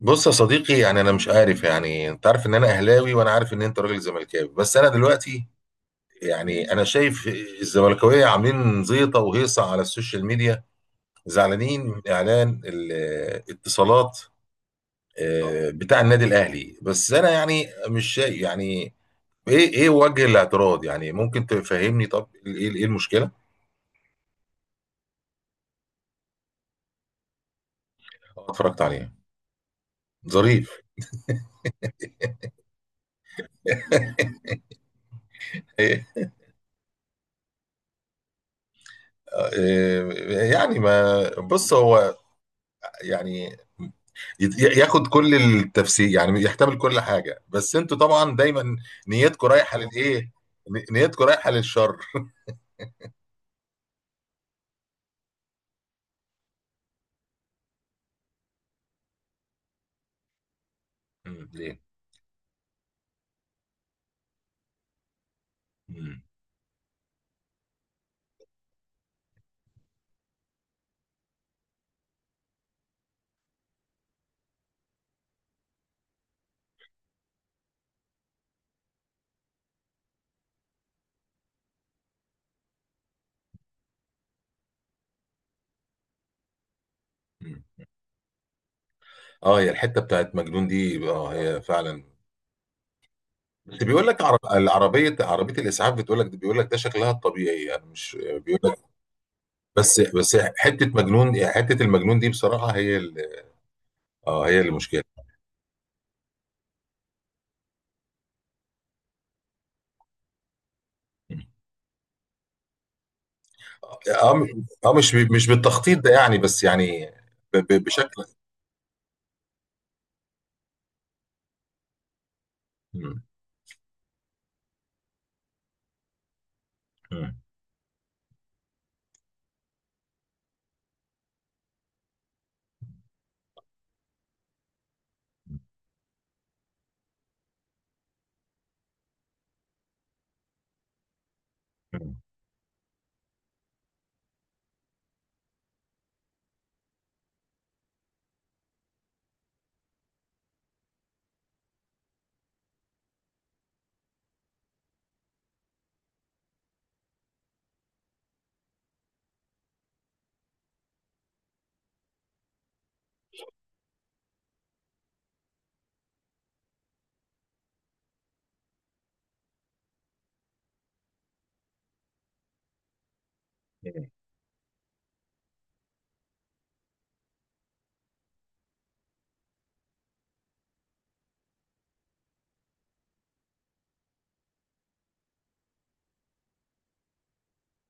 بص يا صديقي، يعني انا مش عارف. يعني انت عارف ان انا اهلاوي وانا عارف ان انت راجل زملكاوي، بس انا دلوقتي يعني انا شايف الزملكاويه عاملين زيطه وهيصه على السوشيال ميديا، زعلانين من اعلان الاتصالات، بتاع النادي الاهلي. بس انا يعني مش شايف. يعني ايه ايه وجه الاعتراض؟ يعني ممكن تفهمني؟ طب ايه ايه المشكله؟ اتفرجت عليه. ظريف. ايه. يعني ما بص، هو يعني ياخد كل التفسير، يعني يحتمل كل حاجة، بس انتوا طبعا دايما نيتكم رايحة للايه، نيتكم رايحة للشر. مم، ليه؟ مم. مم. اه هي الحتة بتاعت مجنون دي، اه هي فعلا. بس بيقول لك العربية، عربية الإسعاف بتقول لك، بيقول لك ده شكلها الطبيعي يعني، مش بيقول لك. بس حتة مجنون، يعني حتة المجنون دي بصراحة هي اه هي المشكلة. مم. اه مش بالتخطيط ده يعني، بس يعني بشكل. مم. مم. مم.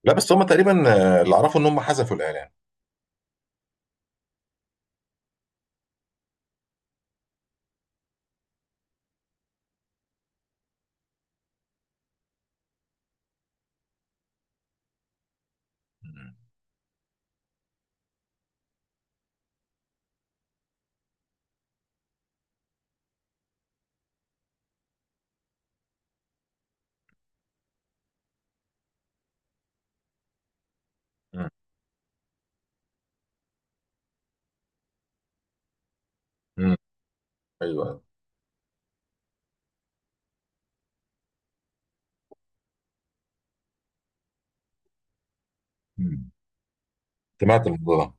لا، بس هم تقريبا اللي اعرفه ان هم حذفوا الاعلان. مم. مم. مم. ايوه. مم. سمعت الموضوع ده.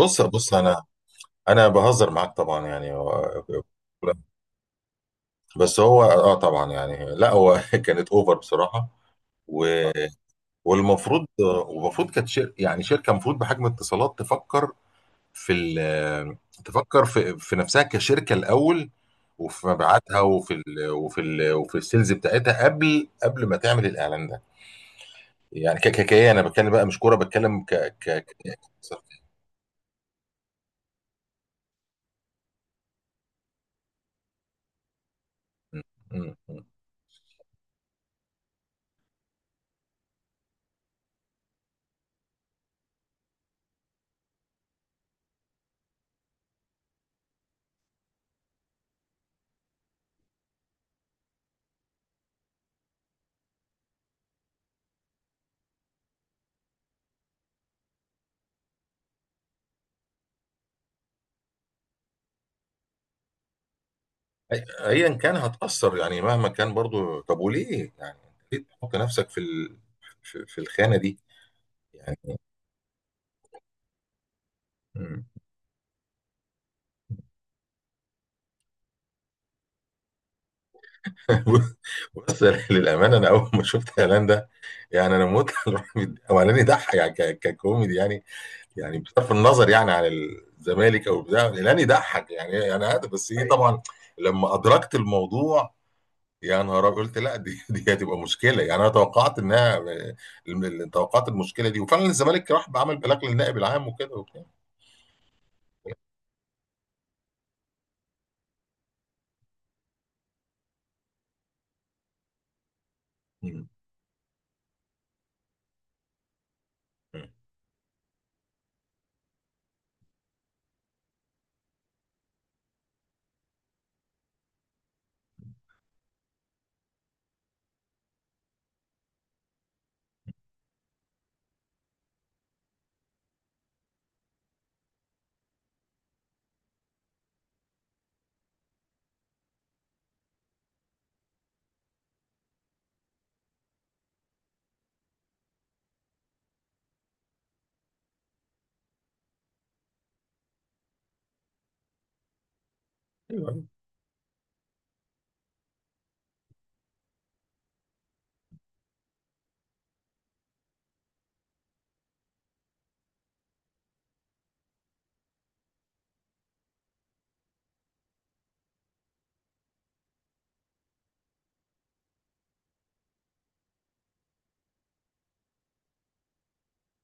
بص بص، انا بهزر معاك طبعا، يعني بس هو طبعا يعني، لا هو كانت اوفر بصراحه. و- والمفروض والمفروض كانت شر. يعني شركه المفروض بحجم اتصالات تفكر في تفكر في نفسها كشركه الاول، وفي مبيعاتها وفي السيلز بتاعتها قبل ما تعمل الاعلان ده. يعني ككيكيه انا بتكلم بقى، مش كوره بتكلم. م- م- م. ايا كان هتأثر، يعني مهما كان برضو. طب وليه يعني؟ ليه تحط نفسك في في الخانه دي؟ يعني م. بص، للامانه انا اول ما شفت اعلان ده، يعني انا موت على الراجل ده. هو اعلان يضحك يعني، ككوميدي يعني. يعني بصرف النظر يعني عن الزمالك او بتاع، الاعلان يضحك يعني يعني هذا. بس ايه طبعا لما ادركت الموضوع، يا نهار أبيض. قلت لا، دي دي هتبقى مشكله. يعني انا توقعت انها، توقعت المشكله دي، وفعلا الزمالك راح بعمل بلاغ للنائب العام وكده وبتاع. مم. مم. أيوة.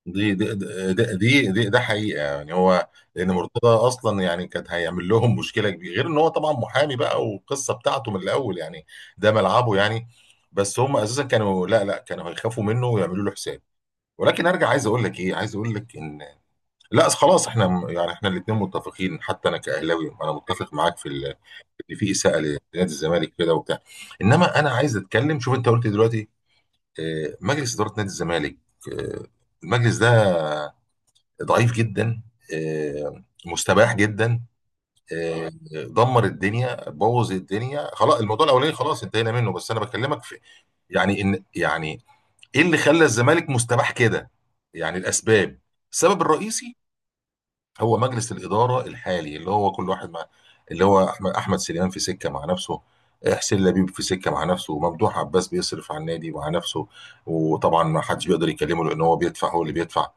دي دي دي دي دي ده حقيقه يعني. هو لان مرتضى اصلا يعني كان هيعمل لهم مشكله كبيره، غير ان هو طبعا محامي بقى والقصه بتاعته من الاول يعني، ده ملعبه يعني. بس هم اساسا كانوا، لا لا، كانوا هيخافوا منه ويعملوا له حساب. ولكن ارجع عايز اقول لك ايه، عايز اقول لك ان لا، خلاص احنا يعني احنا الاثنين متفقين، حتى انا كاهلاوي انا متفق معاك في ان في اساءه لنادي الزمالك كده وبتاع. انما انا عايز اتكلم، شوف انت قلت دلوقتي مجلس اداره نادي الزمالك، آه، المجلس ده ضعيف جدا، مستباح جدا، آه، دمر الدنيا، بوظ الدنيا. خلاص الموضوع الاولاني خلاص انتهينا منه. بس انا بكلمك في يعني، ان يعني ايه اللي خلى الزمالك مستباح كده؟ يعني الاسباب، السبب الرئيسي هو مجلس الإدارة الحالي، اللي هو كل واحد مع، اللي هو أحمد سليمان في سكة مع نفسه، حسين لبيب في سكة مع نفسه، وممدوح عباس بيصرف على النادي مع نفسه. وطبعا ما حدش بيقدر يكلمه لأن هو بيدفع، هو اللي بيدفع.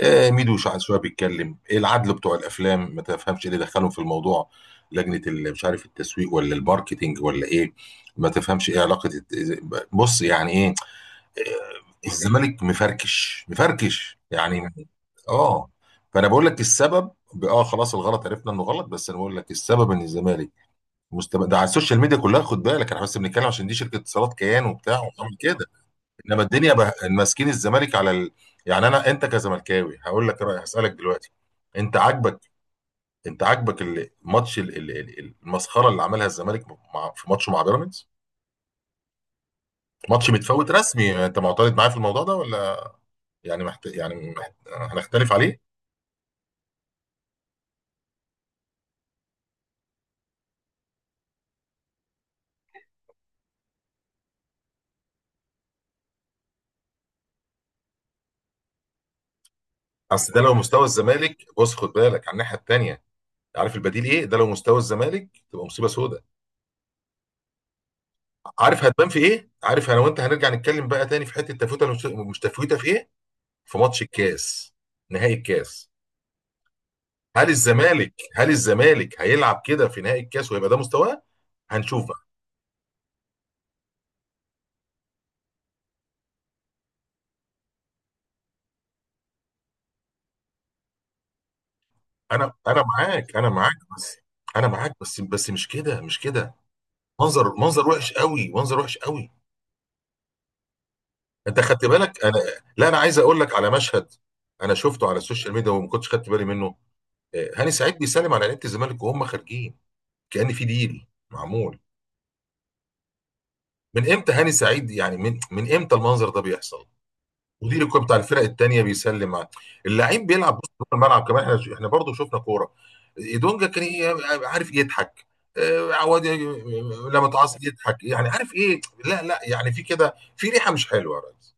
ميدو شعب شوية بيتكلم، العدل بتوع الأفلام، ما تفهمش إيه اللي دخلهم في الموضوع. لجنة مش عارف التسويق ولا الماركتينج ولا إيه، ما تفهمش إيه علاقة بص يعني إيه. الزمالك مفركش مفركش يعني. اه، فانا بقول لك السبب، خلاص الغلط عرفنا انه غلط. بس انا بقول لك السبب ان الزمالك ده على السوشيال ميديا كلها. خد بالك احنا بس بنتكلم عشان دي شركه اتصالات كيان وبتاع وعامل كده. انما الدنيا بقى ماسكين الزمالك على يعني، انا انت كزملكاوي هقول لك رايي، هسالك دلوقتي، انت عاجبك، انت عاجبك الماتش المسخره اللي عملها الزمالك في ماتشه مع بيراميدز؟ ماتش متفوت رسمي يعني. انت معترض معايا في الموضوع ده ولا يعني يعني هنختلف عليه؟ اصل ده لو مستوى الزمالك، بص خد بالك على الناحيه الثانيه، عارف البديل ايه؟ ده لو مستوى الزمالك تبقى مصيبه سوداء. عارف هتبان في ايه؟ عارف انا وانت هنرجع نتكلم بقى تاني في حته تفوته، مش تفوته في ايه. في ماتش الكاس، نهائي الكاس. هل الزمالك هيلعب كده في نهائي الكاس ويبقى ده مستواه؟ هنشوف بقى. انا معاك، انا معاك بس، انا معاك بس مش كده، مش كده. منظر، منظر وحش قوي، منظر وحش قوي. انت خدت بالك. انا لا، انا عايز اقول لك على مشهد انا شفته على السوشيال ميديا وما كنتش خدت بالي منه. هاني سعيد بيسلم على لعيبه الزمالك وهم خارجين، كأن في ديل معمول. من امتى هاني سعيد يعني، من امتى المنظر ده بيحصل؟ مدير الكوره بتاع الفرق التانيه بيسلم على اللعيب، بيلعب بص جوه الملعب كمان. احنا برضه شفنا كوره. دونجا كان إيه؟ عارف يضحك، عواد لما تعصب يضحك. يعني عارف ايه؟ لا لا، يعني في كده، في ريحه مش حلوه يا ريس.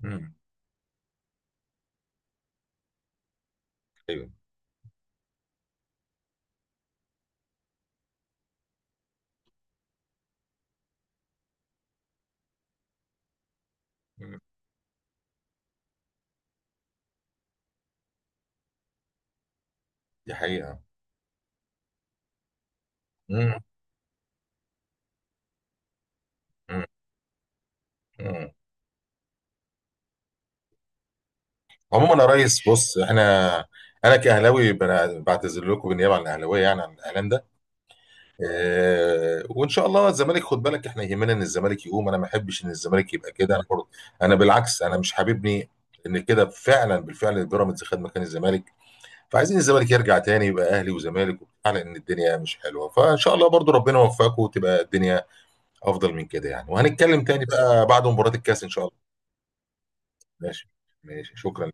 مم. ايوه. مم. دي حقيقه. مم. مم. مم. عموما يا ريس، بص احنا، انا كاهلاوي بعتذر لكم بالنيابه عن الاهلاويه يعني عن الاعلان ده. اه، وان شاء الله الزمالك، خد بالك احنا يهمنا ان الزمالك يقوم، انا ما احبش ان الزمالك يبقى كده، انا برضه، انا بالعكس، انا مش حاببني ان كده. فعلا بالفعل بيراميدز خد مكان الزمالك، فعايزين الزمالك يرجع تاني يبقى اهلي وزمالك وبتاع، لان الدنيا مش حلوه. فان شاء الله برضه ربنا يوفقكم وتبقى الدنيا افضل من كده يعني. وهنتكلم تاني بقى بعد مباراه الكاس ان شاء الله. ماشي. ماشي، شكرا.